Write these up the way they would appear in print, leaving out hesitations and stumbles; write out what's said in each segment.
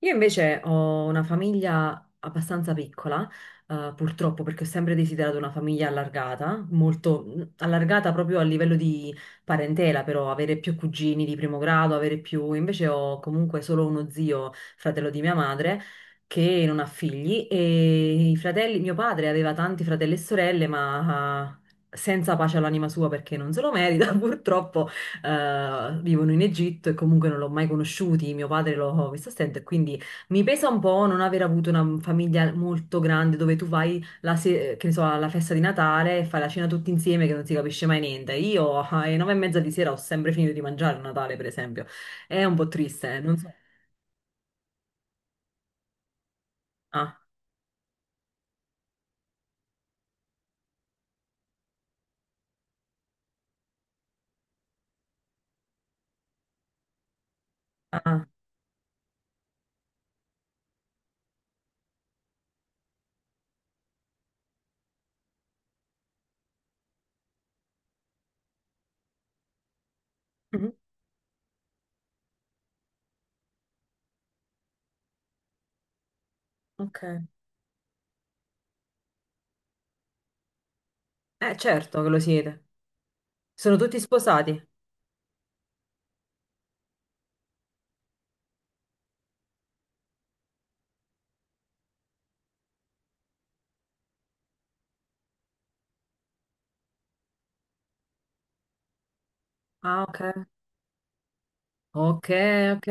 Io invece ho una famiglia abbastanza piccola, purtroppo, perché ho sempre desiderato una famiglia allargata, molto allargata proprio a livello di parentela, però avere più cugini di primo grado, avere più. Invece ho comunque solo uno zio, fratello di mia madre, che non ha figli e i fratelli. Mio padre aveva tanti fratelli e sorelle, ma. Senza pace all'anima sua perché non se lo merita, purtroppo vivono in Egitto e comunque non l'ho mai conosciuti, mio padre l'ho visto a stento e quindi mi pesa un po' non aver avuto una famiglia molto grande dove tu vai la se- che ne so, alla festa di Natale e fai la cena tutti insieme che non si capisce mai niente. Io alle 9:30 di sera ho sempre finito di mangiare a Natale, per esempio. È un po' triste, non so. Ah, ah, mhm, ok. Certo che lo siete. Sono tutti sposati. Ah, ok. Ok, ok.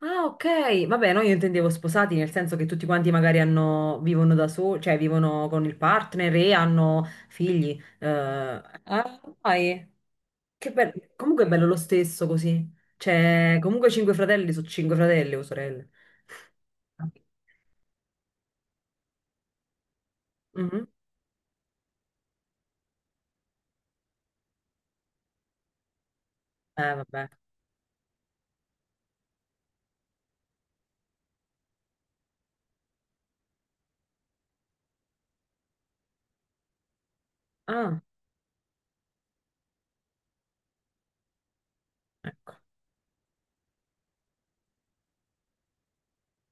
Ah, ok. Vabbè, no, io intendevo sposati, nel senso che tutti quanti magari hanno, vivono da soli, cioè vivono con il partner e hanno figli. Ah, vai. Che bello. Comunque è bello lo stesso così. Cioè, comunque cinque fratelli su cinque fratelli o sorelle. Mhm. Vabbè. Ah, ecco.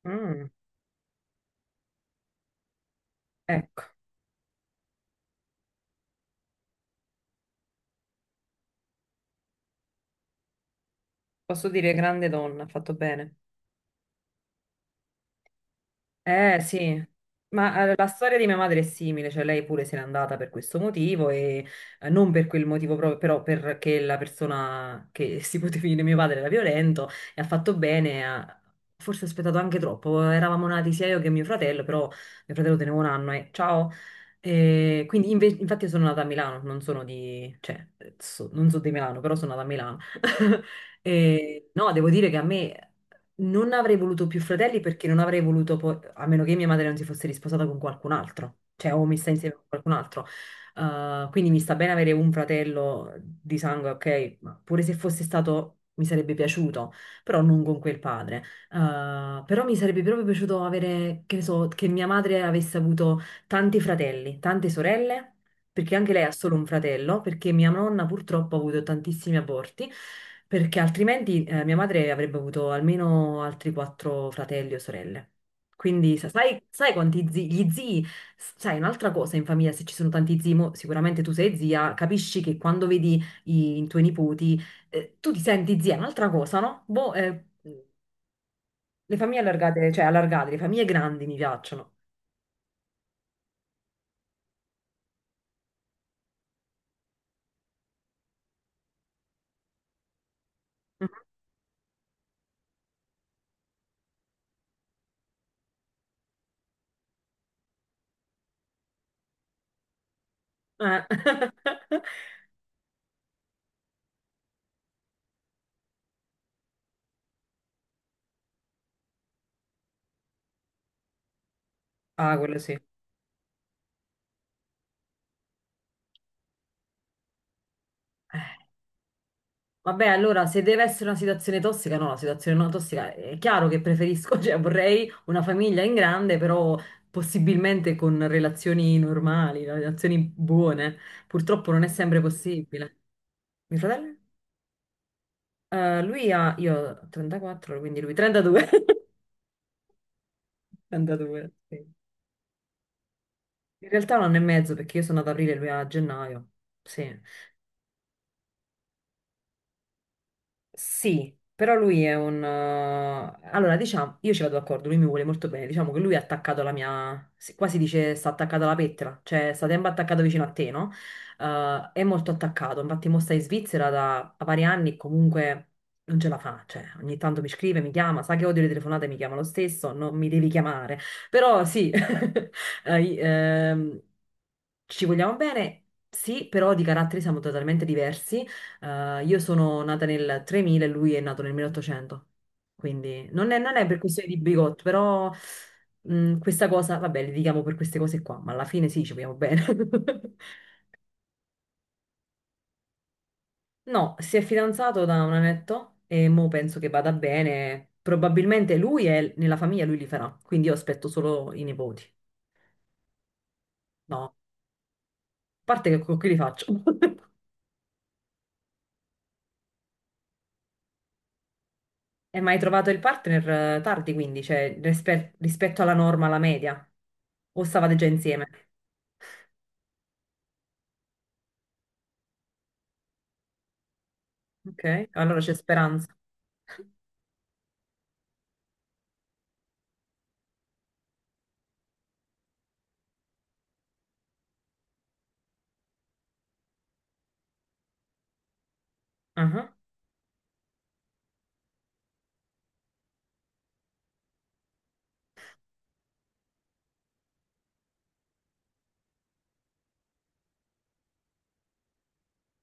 Mm, ecco. Posso dire grande donna, ha fatto bene. Eh sì, ma la storia di mia madre è simile, cioè lei pure se n'è andata per questo motivo e non per quel motivo proprio, però perché la persona che si poteva definire mio padre era violento e ha fatto bene, ha forse aspettato anche troppo, eravamo nati sia io che mio fratello, però mio fratello teneva un anno e ciao. E quindi infatti io sono nata a Milano, non sono di, cioè, non so di Milano, però sono nata a Milano. E, no, devo dire che a me non avrei voluto più fratelli perché non avrei voluto, a meno che mia madre non si fosse risposata con qualcun altro, cioè o messa insieme con qualcun altro. Quindi mi sta bene avere un fratello di sangue, ok, ma pure se fosse stato, mi sarebbe piaciuto, però non con quel padre. Però mi sarebbe proprio piaciuto avere, che ne so, che mia madre avesse avuto tanti fratelli, tante sorelle perché anche lei ha solo un fratello, perché mia nonna purtroppo ha avuto tantissimi aborti, perché altrimenti mia madre avrebbe avuto almeno altri quattro fratelli o sorelle. Quindi sai quanti zii, gli zii, sai un'altra cosa in famiglia, se ci sono tanti zii, mo sicuramente tu sei zia, capisci che quando vedi i tuoi nipoti, tu ti senti zia, è un'altra cosa, no? Boh, le famiglie allargate, cioè allargate, le famiglie grandi mi piacciono. Mhm. Eh. Ah, quello sì. Eh, vabbè, allora, se deve essere una situazione tossica, no, una situazione non tossica, è chiaro che preferisco, cioè vorrei una famiglia in grande, però possibilmente con relazioni normali, relazioni buone. Purtroppo non è sempre possibile. Mio fratello? Lui ha, io ho 34, quindi lui 32. 32, sì. In realtà un anno e mezzo, perché io sono andata ad aprile e lui a gennaio. Sì. Sì, però lui è un. Allora, diciamo, io ci vado d'accordo, lui mi vuole molto bene, diciamo che lui è attaccato alla mia. Qua si dice sta attaccato alla pettola, cioè sta sempre attaccato vicino a te, no? È molto attaccato, infatti mo sta in Svizzera da vari anni e comunque non ce la fa, cioè ogni tanto mi scrive, mi chiama, sa che odio le telefonate, mi chiama lo stesso, non mi devi chiamare, però sì, eh, i- ehm, ci vogliamo bene, sì, però di caratteri siamo totalmente diversi. Io sono nata nel 3000 e lui è nato nel 1800, quindi non è per questione di bigotto, però questa cosa, vabbè, litighiamo per queste cose qua, ma alla fine sì, ci vogliamo bene. No, si è fidanzato da un annetto e mo penso che vada bene. Probabilmente lui è nella famiglia, lui li farà, quindi io aspetto solo i nipoti. No, a parte che con chi li faccio? E mai trovato il partner tardi, quindi, cioè rispetto alla norma, alla media? O stavate già insieme? Ok, allora c'è speranza. Ah.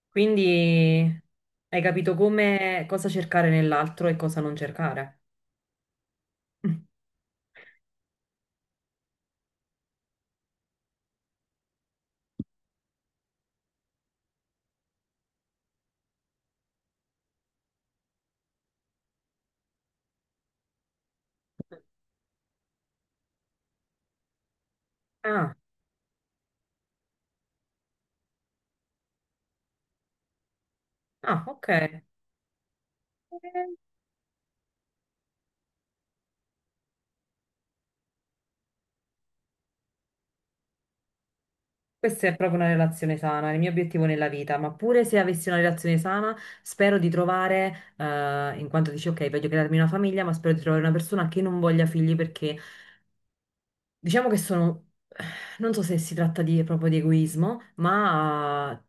Quindi hai capito come cosa cercare nell'altro e cosa non cercare. Mm. Ah, ah, ok. Questa è proprio una relazione sana, è il mio obiettivo nella vita, ma pure se avessi una relazione sana, spero di trovare, in quanto dici, ok, voglio crearmi una famiglia, ma spero di trovare una persona che non voglia figli perché diciamo che sono, non so se si tratta di, proprio di egoismo, ma.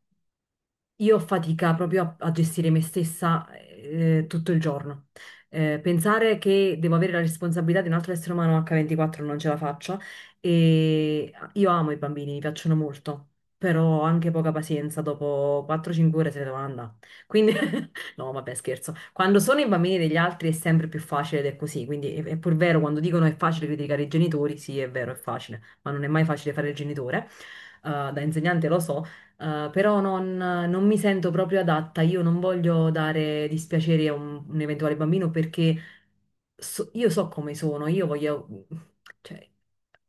Io ho fatica proprio a, gestire me stessa tutto il giorno. Pensare che devo avere la responsabilità di un altro essere umano H24 non ce la faccio. E io amo i bambini, mi piacciono molto, però ho anche poca pazienza, dopo 4-5 ore se ne devo andare. Quindi, no, vabbè, scherzo. Quando sono i bambini degli altri è sempre più facile ed è così. Quindi è pur vero quando dicono è facile criticare i genitori, sì, è vero, è facile, ma non è mai facile fare il genitore. Da insegnante lo so, però non mi sento proprio adatta, io non voglio dare dispiacere a un eventuale bambino perché io so come sono, io voglio, cioè,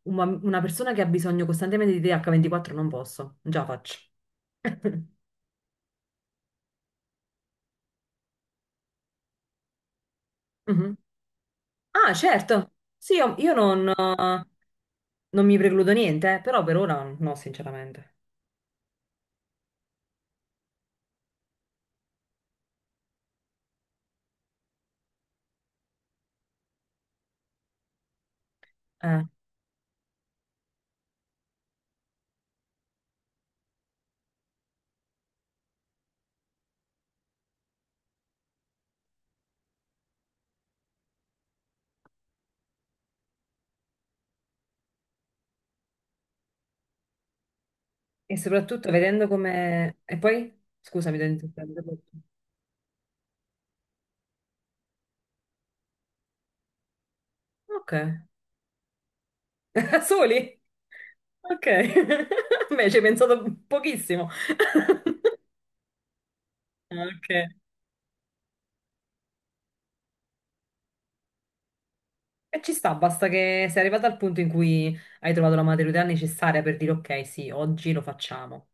una persona che ha bisogno costantemente di te H24 non posso, non ce la faccio. Mhm. Ah, certo, sì, io non mi precludo niente, però per ora no, sinceramente. Eh, E soprattutto vedendo come. E poi? Scusa, mi devo interrompere. Ok. Da soli? Ok. Beh, ci hai pensato pochissimo. Ok. E ci sta, basta che sei arrivato al punto in cui hai trovato la maturità necessaria per dire ok, sì, oggi lo facciamo.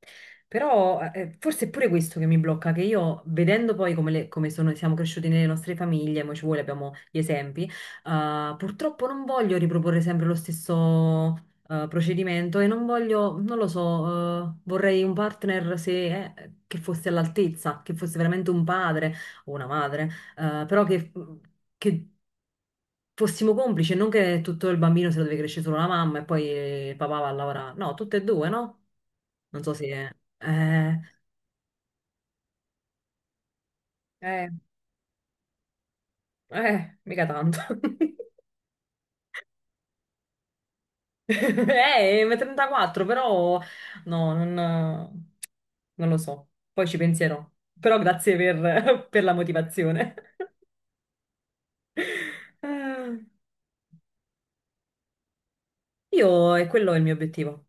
Però forse è pure questo che mi blocca, che io vedendo poi come, come siamo cresciuti nelle nostre famiglie, mo ci vuole, abbiamo gli esempi, purtroppo non voglio riproporre sempre lo stesso procedimento e non voglio, non lo so, vorrei un partner se, che fosse all'altezza, che fosse veramente un padre o una madre, però che fossimo complici, non che tutto il bambino se lo deve crescere solo la mamma e poi il papà va a lavorare. No, tutte e due, no? Non so se. Eh, eh, mica tanto. Ma 34, però no, non lo so. Poi ci penserò. Però grazie per, per la motivazione. Eh, Io, e quello è il mio obiettivo.